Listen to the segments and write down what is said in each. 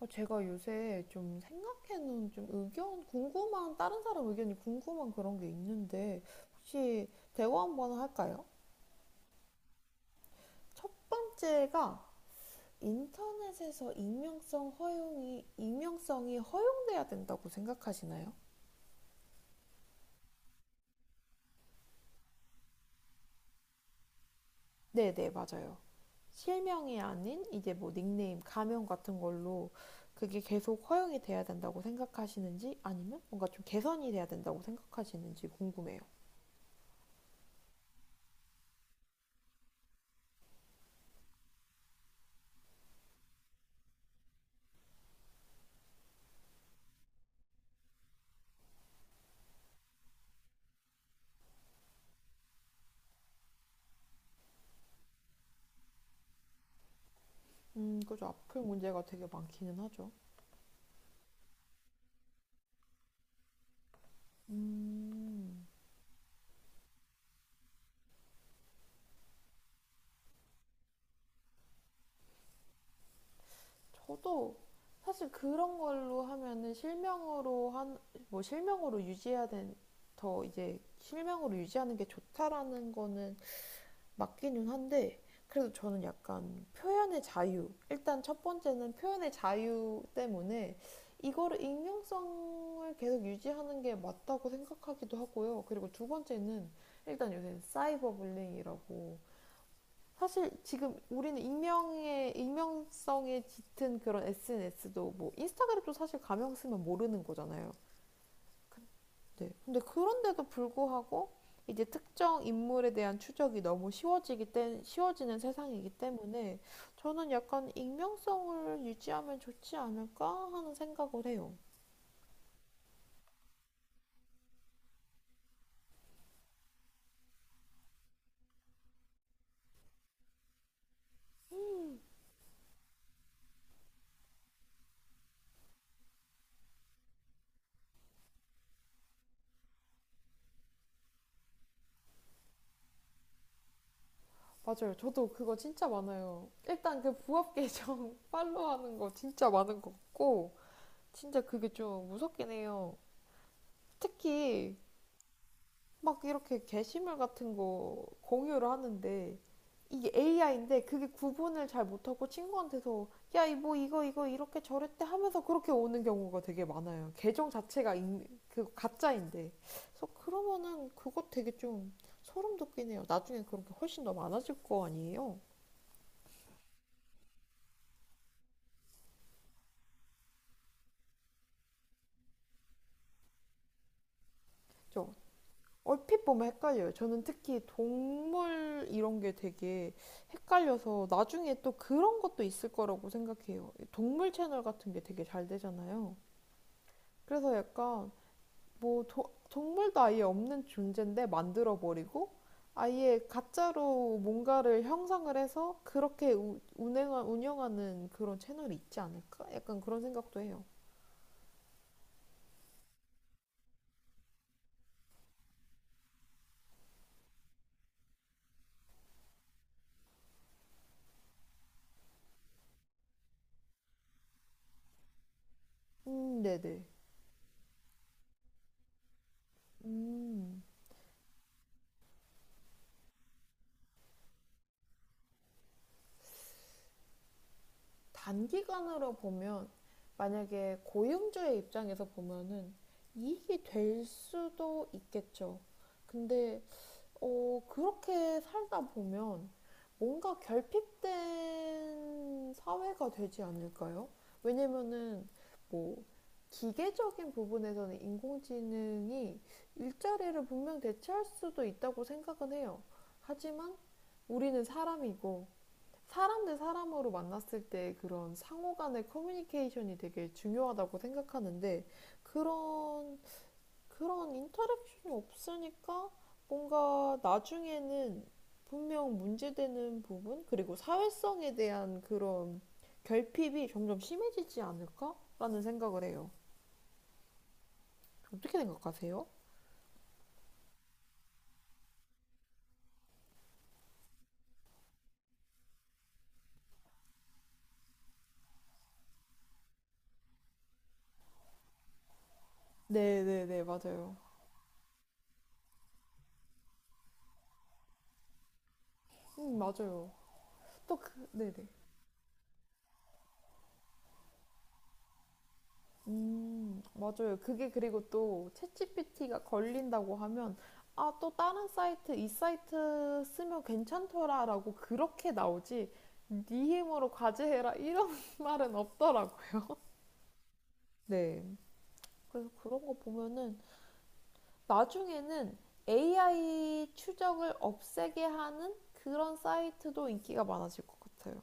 제가 요새 좀 생각해놓은 좀 의견, 궁금한, 다른 사람 의견이 궁금한 그런 게 있는데, 혹시 대화 한번 할까요? 첫 번째가 인터넷에서 익명성 허용이, 익명성이 허용돼야 된다고 생각하시나요? 네네, 맞아요. 실명이 아닌 이제 뭐 닉네임, 가명 같은 걸로 그게 계속 허용이 돼야 된다고 생각하시는지 아니면 뭔가 좀 개선이 돼야 된다고 생각하시는지 궁금해요. 그죠. 으플 문제가 되게 많기는 하죠. 음, 저도 사실 그런 걸로 하면은 뭐 실명으로 유지해야 된, 더 이제 실명으로 유지하는 게 좋다라는 거는 맞기는 한데, 그래도 저는 약간 표현의 자유. 일단 첫 번째는 표현의 자유 때문에 이거를 익명성을 계속 유지하는 게 맞다고 생각하기도 하고요. 그리고 두 번째는 일단 요새 사이버 불링이라고 사실 지금 우리는 익명의 익명성에 짙은 그런 SNS도 뭐 인스타그램도 사실 가명 쓰면 모르는 거잖아요. 네. 근데 그런데도 불구하고 이제 특정 인물에 대한 추적이 너무 쉬워지기 때 쉬워지는 세상이기 때문에 저는 약간 익명성을 유지하면 좋지 않을까 하는 생각을 해요. 음, 맞아요. 저도 그거 진짜 많아요. 일단 그 부업 계정 팔로우하는 거 진짜 많은 것 같고 진짜 그게 좀 무섭긴 해요. 특히 막 이렇게 게시물 같은 거 공유를 하는데 이게 AI인데 그게 구분을 잘 못하고 친구한테서 야, 이 뭐 이거 이렇게 저랬대 하면서 그렇게 오는 경우가 되게 많아요. 계정 자체가 그 가짜인데. 그래서 그러면은 그것 되게 좀 소름 돋긴 해요. 나중에 그런 게 훨씬 더 많아질 거 아니에요? 그죠? 얼핏 보면 헷갈려요. 저는 특히 동물 이런 게 되게 헷갈려서 나중에 또 그런 것도 있을 거라고 생각해요. 동물 채널 같은 게 되게 잘 되잖아요. 그래서 약간 동물도 아예 없는 존재인데 만들어 버리고 아예 가짜로 뭔가를 형상을 해서 그렇게 운영하는 그런 채널이 있지 않을까? 약간 그런 생각도 해요. 네네. 음. 단기간으로 보면 만약에 고용주의 입장에서 보면은 이익이 될 수도 있겠죠. 근데 그렇게 살다 보면 뭔가 결핍된 사회가 되지 않을까요? 왜냐면은 뭐 기계적인 부분에서는 인공지능이 일자리를 분명 대체할 수도 있다고 생각은 해요. 하지만 우리는 사람이고 사람 대 사람으로 만났을 때 그런 상호 간의 커뮤니케이션이 되게 중요하다고 생각하는데 그런 그런 인터랙션이 없으니까 뭔가 나중에는 분명 문제되는 부분 그리고 사회성에 대한 그런 결핍이 점점 심해지지 않을까라는 생각을 해요. 어떻게 생각하세요? 네, 네, 네, 맞아요. 맞아요. 또 그, 네, 네. 맞아요. 그게 그리고 또 챗GPT가 걸린다고 하면 아, 또 다른 사이트, 이 사이트 쓰면 괜찮더라라고 그렇게 나오지. 네 힘으로 과제해라 이런 말은 없더라고요. 네. 그래서 그런 거 보면은 나중에는 AI 추적을 없애게 하는 그런 사이트도 인기가 많아질 것 같아요.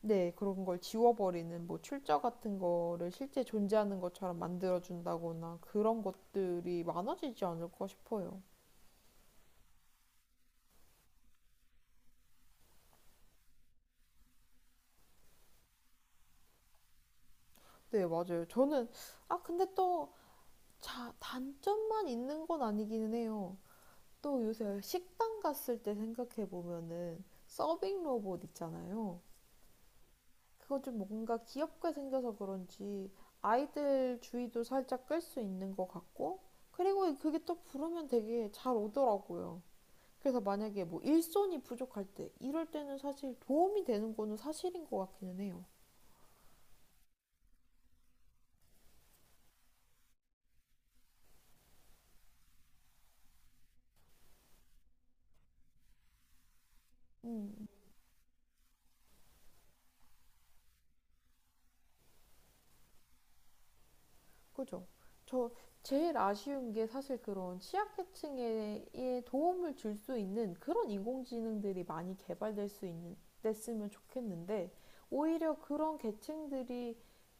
네, 그런 걸 지워버리는 뭐 출처 같은 거를 실제 존재하는 것처럼 만들어준다거나 그런 것들이 많아지지 않을까 싶어요. 네, 맞아요. 아, 근데 또 자, 단점만 있는 건 아니기는 해요. 또 요새 식당 갔을 때 생각해보면은 서빙 로봇 있잖아요. 그거 좀 뭔가 귀엽게 생겨서 그런지 아이들 주의도 살짝 끌 수 있는 것 같고, 그리고 그게 또 부르면 되게 잘 오더라고요. 그래서 만약에 뭐 일손이 부족할 때 이럴 때는 사실 도움이 되는 거는 사실인 것 같기는 해요. 음, 그죠? 저 제일 아쉬운 게 사실 그런 취약계층에 예, 도움을 줄 수 있는 그런 인공지능들이 많이 개발될 수 있는 됐으면 좋겠는데 오히려 그런 계층들이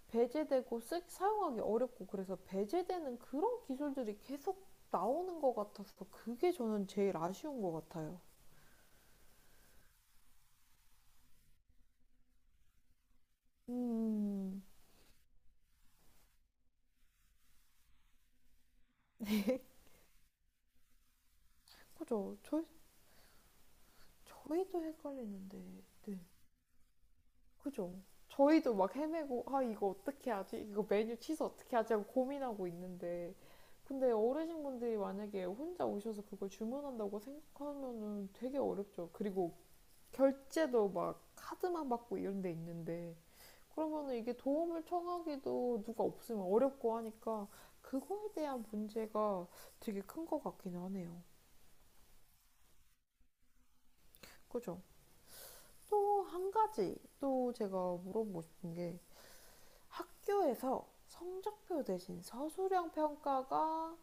배제되고 사용하기 어렵고 그래서 배제되는 그런 기술들이 계속 나오는 것 같아서 그게 저는 제일 아쉬운 것 같아요. 음, 그죠. 저희 저희도 헷갈리는데, 네. 그죠? 저희도 막 헤매고, 아, 이거 어떻게 하지? 이거 메뉴 취소 어떻게 하지? 하고 고민하고 있는데. 근데 어르신분들이 만약에 혼자 오셔서 그걸 주문한다고 생각하면은 되게 어렵죠. 그리고 결제도 막 카드만 받고 이런 데 있는데. 그러면은 이게 도움을 청하기도 누가 없으면 어렵고 하니까 그거에 대한 문제가 되게 큰 것 같긴 하네요. 그죠? 또 한 가지 또 제가 물어보고 싶은 게 학교에서 성적표 대신 서술형 평가가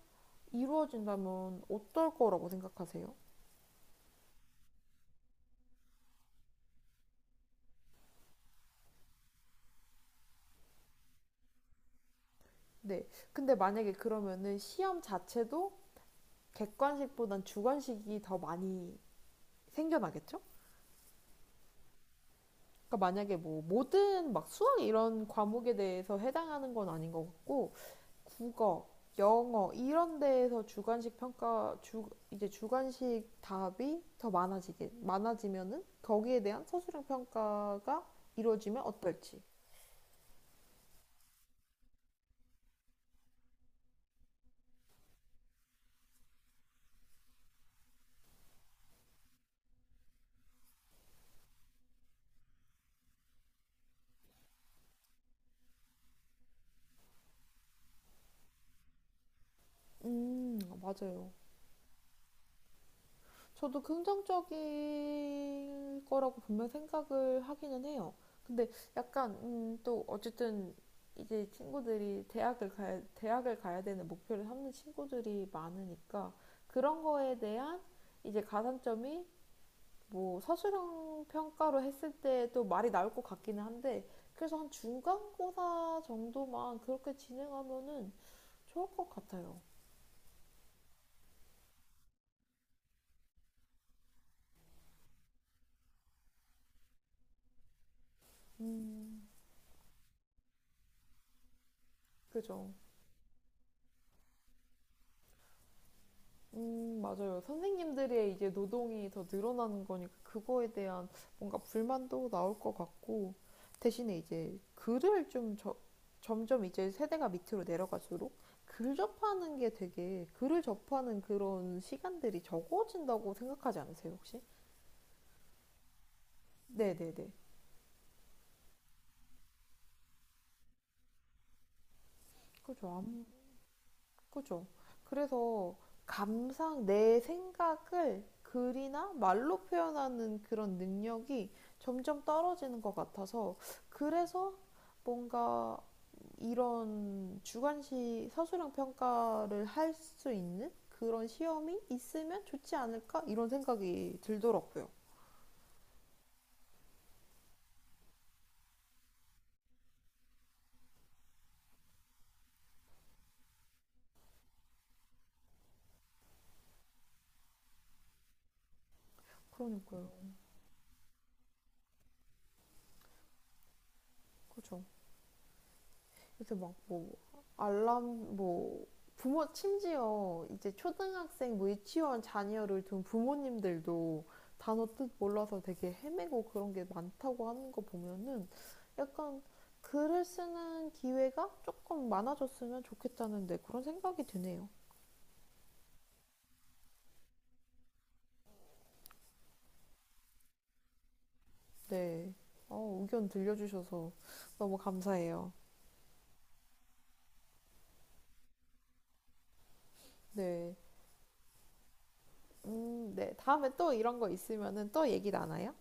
이루어진다면 어떨 거라고 생각하세요? 네. 근데 만약에 그러면은 시험 자체도 객관식보단 주관식이 더 많이 생겨나겠죠? 그러니까 만약에 뭐 모든 막 수학 이런 과목에 대해서 해당하는 건 아닌 것 같고 국어, 영어 이런 데에서 주관식 평가 주 이제 주관식 답이 더 많아지게 많아지면은 거기에 대한 서술형 평가가 이루어지면 어떨지. 맞아요. 저도 긍정적일 거라고 분명 생각을 하기는 해요. 근데 약간 또 어쨌든 이제 친구들이 대학을 가야 되는 목표를 삼는 친구들이 많으니까 그런 거에 대한 이제 가산점이 뭐 사실형 평가로 했을 때도 말이 나올 것 같기는 한데 그래서 한 중간고사 정도만 그렇게 진행하면은 좋을 것 같아요. 음, 그죠. 맞아요. 선생님들의 이제 노동이 더 늘어나는 거니까 그거에 대한 뭔가 불만도 나올 것 같고 대신에 이제 점점 이제 세대가 밑으로 내려갈수록 글 접하는 게 되게 글을 접하는 그런 시간들이 적어진다고 생각하지 않으세요, 혹시? 네네네. 그죠. 아 그죠. 그래서 감상, 내 생각을 글이나 말로 표현하는 그런 능력이 점점 떨어지는 것 같아서 그래서 뭔가 이런 주관식 서술형 평가를 할 수 있는 그런 시험이 있으면 좋지 않을까 이런 생각이 들더라고요. 그러니까요. 그죠. 그래서 막 뭐 알람 뭐 부모 심지어 이제 초등학생 뭐 유치원 자녀를 둔 부모님들도 단어 뜻 몰라서 되게 헤매고 그런 게 많다고 하는 거 보면은 약간 글을 쓰는 기회가 조금 많아졌으면 좋겠다는데 그런 생각이 드네요. 네. 의견 들려주셔서 너무 감사해요. 네. 네. 다음에 또 이런 거 있으면은 또 얘기 나눠요.